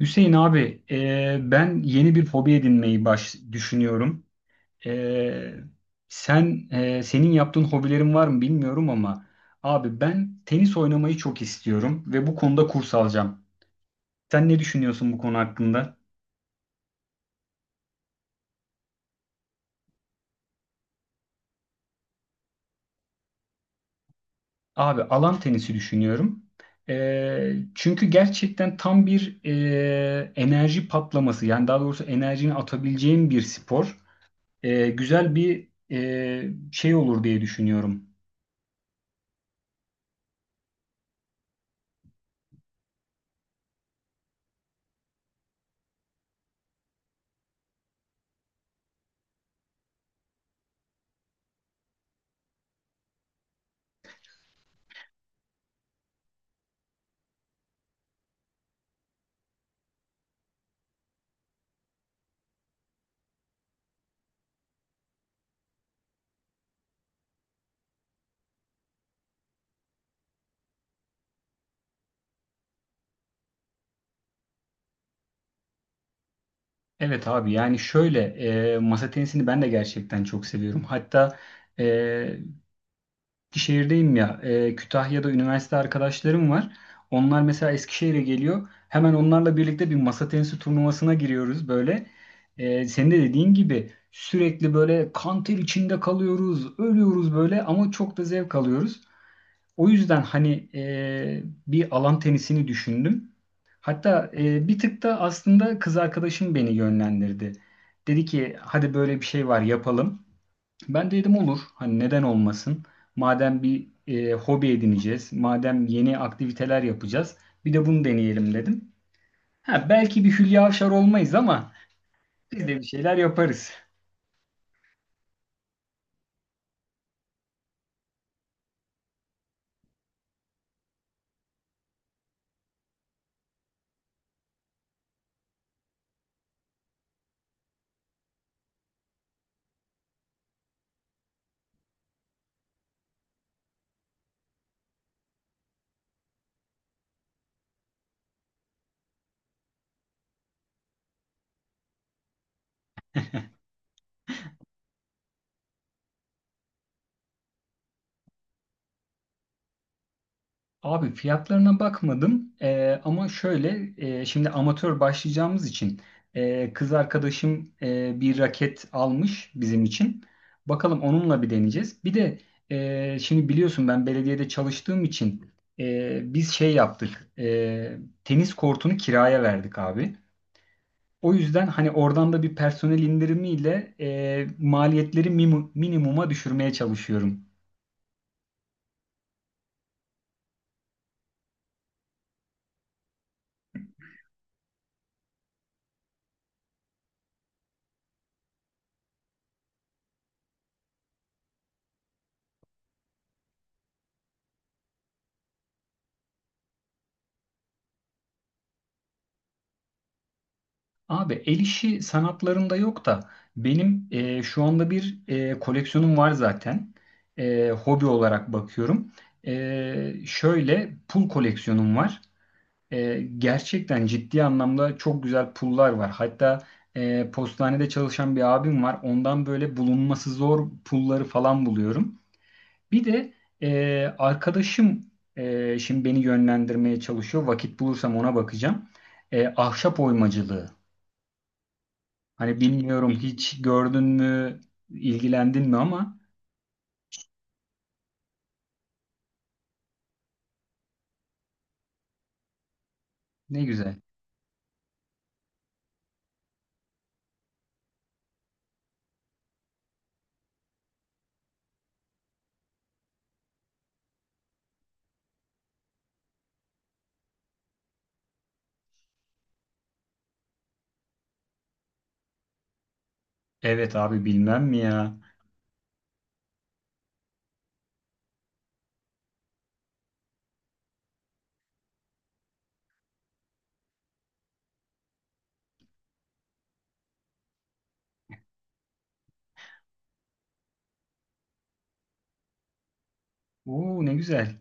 Hüseyin abi, ben yeni bir hobi edinmeyi düşünüyorum. E, senin yaptığın hobilerin var mı bilmiyorum ama abi ben tenis oynamayı çok istiyorum ve bu konuda kurs alacağım. Sen ne düşünüyorsun bu konu hakkında? Abi alan tenisi düşünüyorum. Çünkü gerçekten tam bir enerji patlaması, yani daha doğrusu enerjini atabileceğim bir spor. Güzel bir şey olur diye düşünüyorum. Evet abi, yani şöyle, masa tenisini ben de gerçekten çok seviyorum. Hatta e, Eskişehir'deyim ya, Kütahya'da üniversite arkadaşlarım var. Onlar mesela Eskişehir'e geliyor. Hemen onlarla birlikte bir masa tenisi turnuvasına giriyoruz böyle. Senin de dediğin gibi sürekli böyle kan ter içinde kalıyoruz, ölüyoruz böyle ama çok da zevk alıyoruz. O yüzden hani bir alan tenisini düşündüm. Hatta bir tık da aslında kız arkadaşım beni yönlendirdi. Dedi ki hadi böyle bir şey var, yapalım. Ben de dedim olur. Hani neden olmasın? Madem bir hobi edineceğiz, madem yeni aktiviteler yapacağız, bir de bunu deneyelim dedim. Ha, belki bir Hülya Avşar olmayız ama biz de bir şeyler yaparız. Abi fiyatlarına bakmadım. Ama şöyle, şimdi amatör başlayacağımız için kız arkadaşım bir raket almış bizim için. Bakalım onunla bir deneyeceğiz. Bir de şimdi biliyorsun ben belediyede çalıştığım için biz şey yaptık, tenis kortunu kiraya verdik abi. O yüzden hani oradan da bir personel indirimiyle maliyetleri minimuma düşürmeye çalışıyorum. Abi el işi sanatlarında yok da benim şu anda bir koleksiyonum var zaten. Hobi olarak bakıyorum. Şöyle, pul koleksiyonum var. Gerçekten ciddi anlamda çok güzel pullar var. Hatta postanede çalışan bir abim var. Ondan böyle bulunması zor pulları falan buluyorum. Bir de arkadaşım şimdi beni yönlendirmeye çalışıyor. Vakit bulursam ona bakacağım. Ahşap oymacılığı. Hani bilmiyorum, hiç gördün mü, ilgilendin mi ama ne güzel. Evet abi, bilmem mi ya? Oo, ne güzel.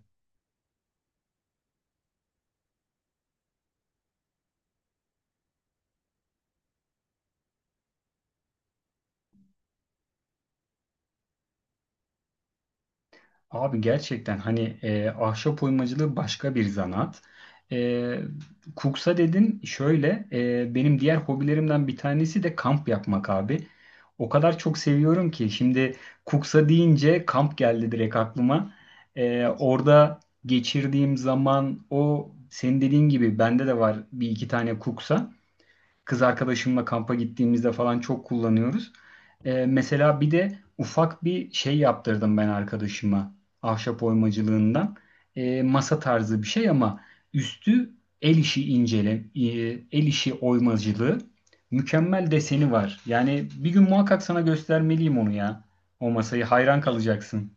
Abi gerçekten hani ahşap oymacılığı başka bir zanat. E, Kuksa dedin, şöyle, benim diğer hobilerimden bir tanesi de kamp yapmak abi. O kadar çok seviyorum ki şimdi kuksa deyince kamp geldi direkt aklıma. Orada geçirdiğim zaman, o senin dediğin gibi bende de var bir iki tane kuksa. Kız arkadaşımla kampa gittiğimizde falan çok kullanıyoruz. Mesela bir de ufak bir şey yaptırdım ben arkadaşıma, ahşap oymacılığından. Masa tarzı bir şey ama üstü el işi el işi oymacılığı. Mükemmel deseni var. Yani bir gün muhakkak sana göstermeliyim onu ya. O masayı, hayran kalacaksın.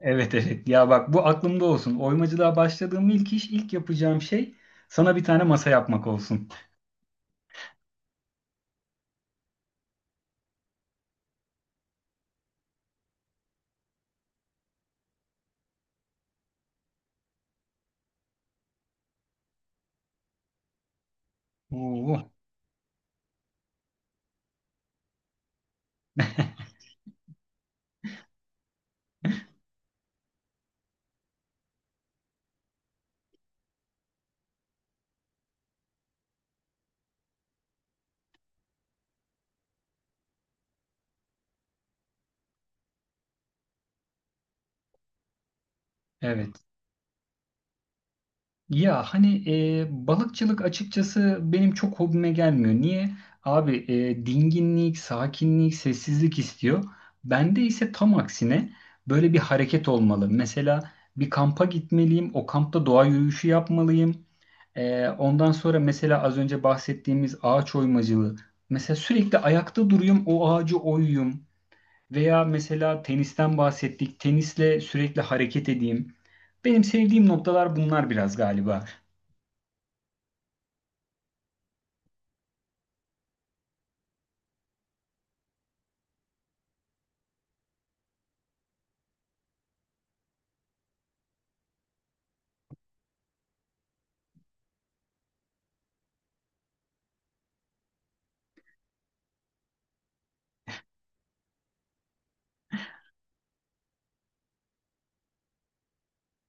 Evet evet. Ya bak, bu aklımda olsun. Oymacılığa başladığım ilk iş, ilk yapacağım şey sana bir tane masa yapmak olsun. Oo, evet. Ya hani balıkçılık açıkçası benim çok hobime gelmiyor. Niye? Abi, dinginlik, sakinlik, sessizlik istiyor. Bende ise tam aksine böyle bir hareket olmalı. Mesela bir kampa gitmeliyim, o kampta doğa yürüyüşü yapmalıyım. Ondan sonra mesela az önce bahsettiğimiz ağaç oymacılığı. Mesela sürekli ayakta duruyum, o ağacı oyuyum. Veya mesela tenisten bahsettik, tenisle sürekli hareket edeyim. Benim sevdiğim noktalar bunlar biraz galiba.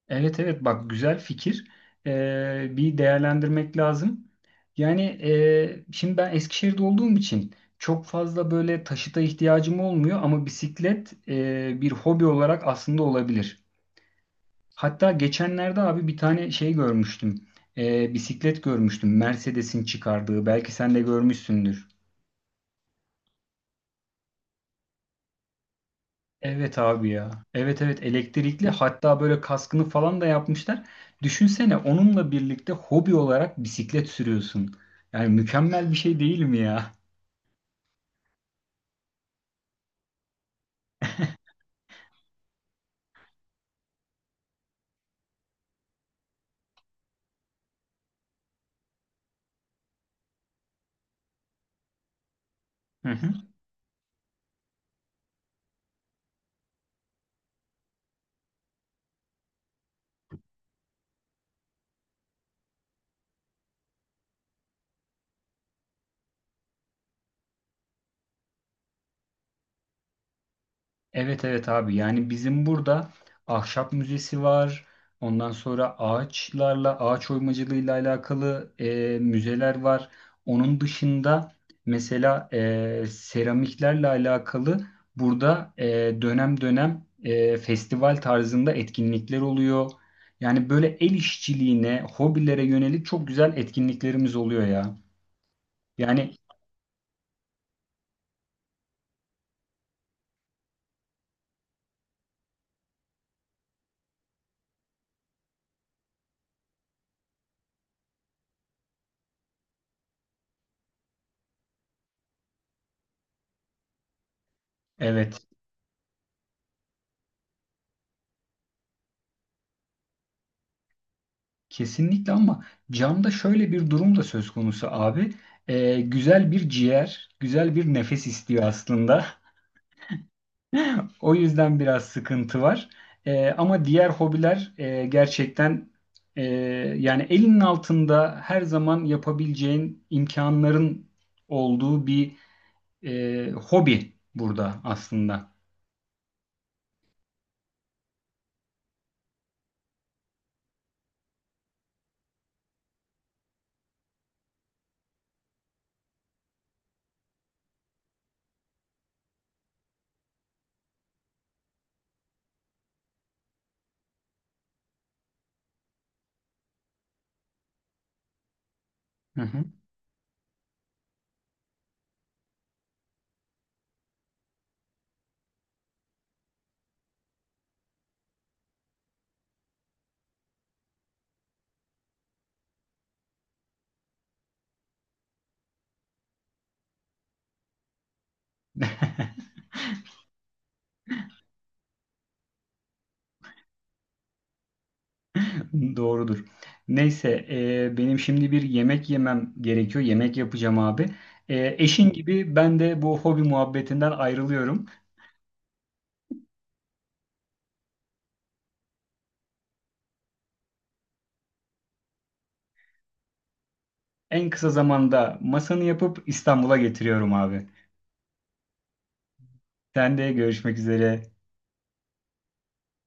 Evet evet, bak güzel fikir. Bir değerlendirmek lazım. Yani şimdi ben Eskişehir'de olduğum için çok fazla böyle taşıta ihtiyacım olmuyor ama bisiklet bir hobi olarak aslında olabilir. Hatta geçenlerde abi bir tane şey görmüştüm. Bisiklet görmüştüm. Mercedes'in çıkardığı. Belki sen de görmüşsündür. Evet abi ya. Evet evet, elektrikli, hatta böyle kaskını falan da yapmışlar. Düşünsene, onunla birlikte hobi olarak bisiklet sürüyorsun. Yani mükemmel bir şey değil mi ya? Evet evet abi, yani bizim burada ahşap müzesi var. Ondan sonra ağaçlarla, ağaç oymacılığıyla alakalı müzeler var. Onun dışında mesela seramiklerle alakalı burada dönem dönem festival tarzında etkinlikler oluyor. Yani böyle el işçiliğine, hobilere yönelik çok güzel etkinliklerimiz oluyor ya. Yani evet. Kesinlikle ama camda şöyle bir durum da söz konusu abi. Güzel bir ciğer, güzel bir nefes istiyor aslında. O yüzden biraz sıkıntı var. Ama diğer hobiler, gerçekten e, yani elinin altında her zaman yapabileceğin imkanların olduğu bir hobi burada aslında. Hı hı. Doğrudur. Neyse, benim şimdi bir yemek yemem gerekiyor. Yemek yapacağım abi. Eşin gibi ben de bu hobi muhabbetinden ayrılıyorum. En kısa zamanda masanı yapıp İstanbul'a getiriyorum abi. Sen de görüşmek üzere.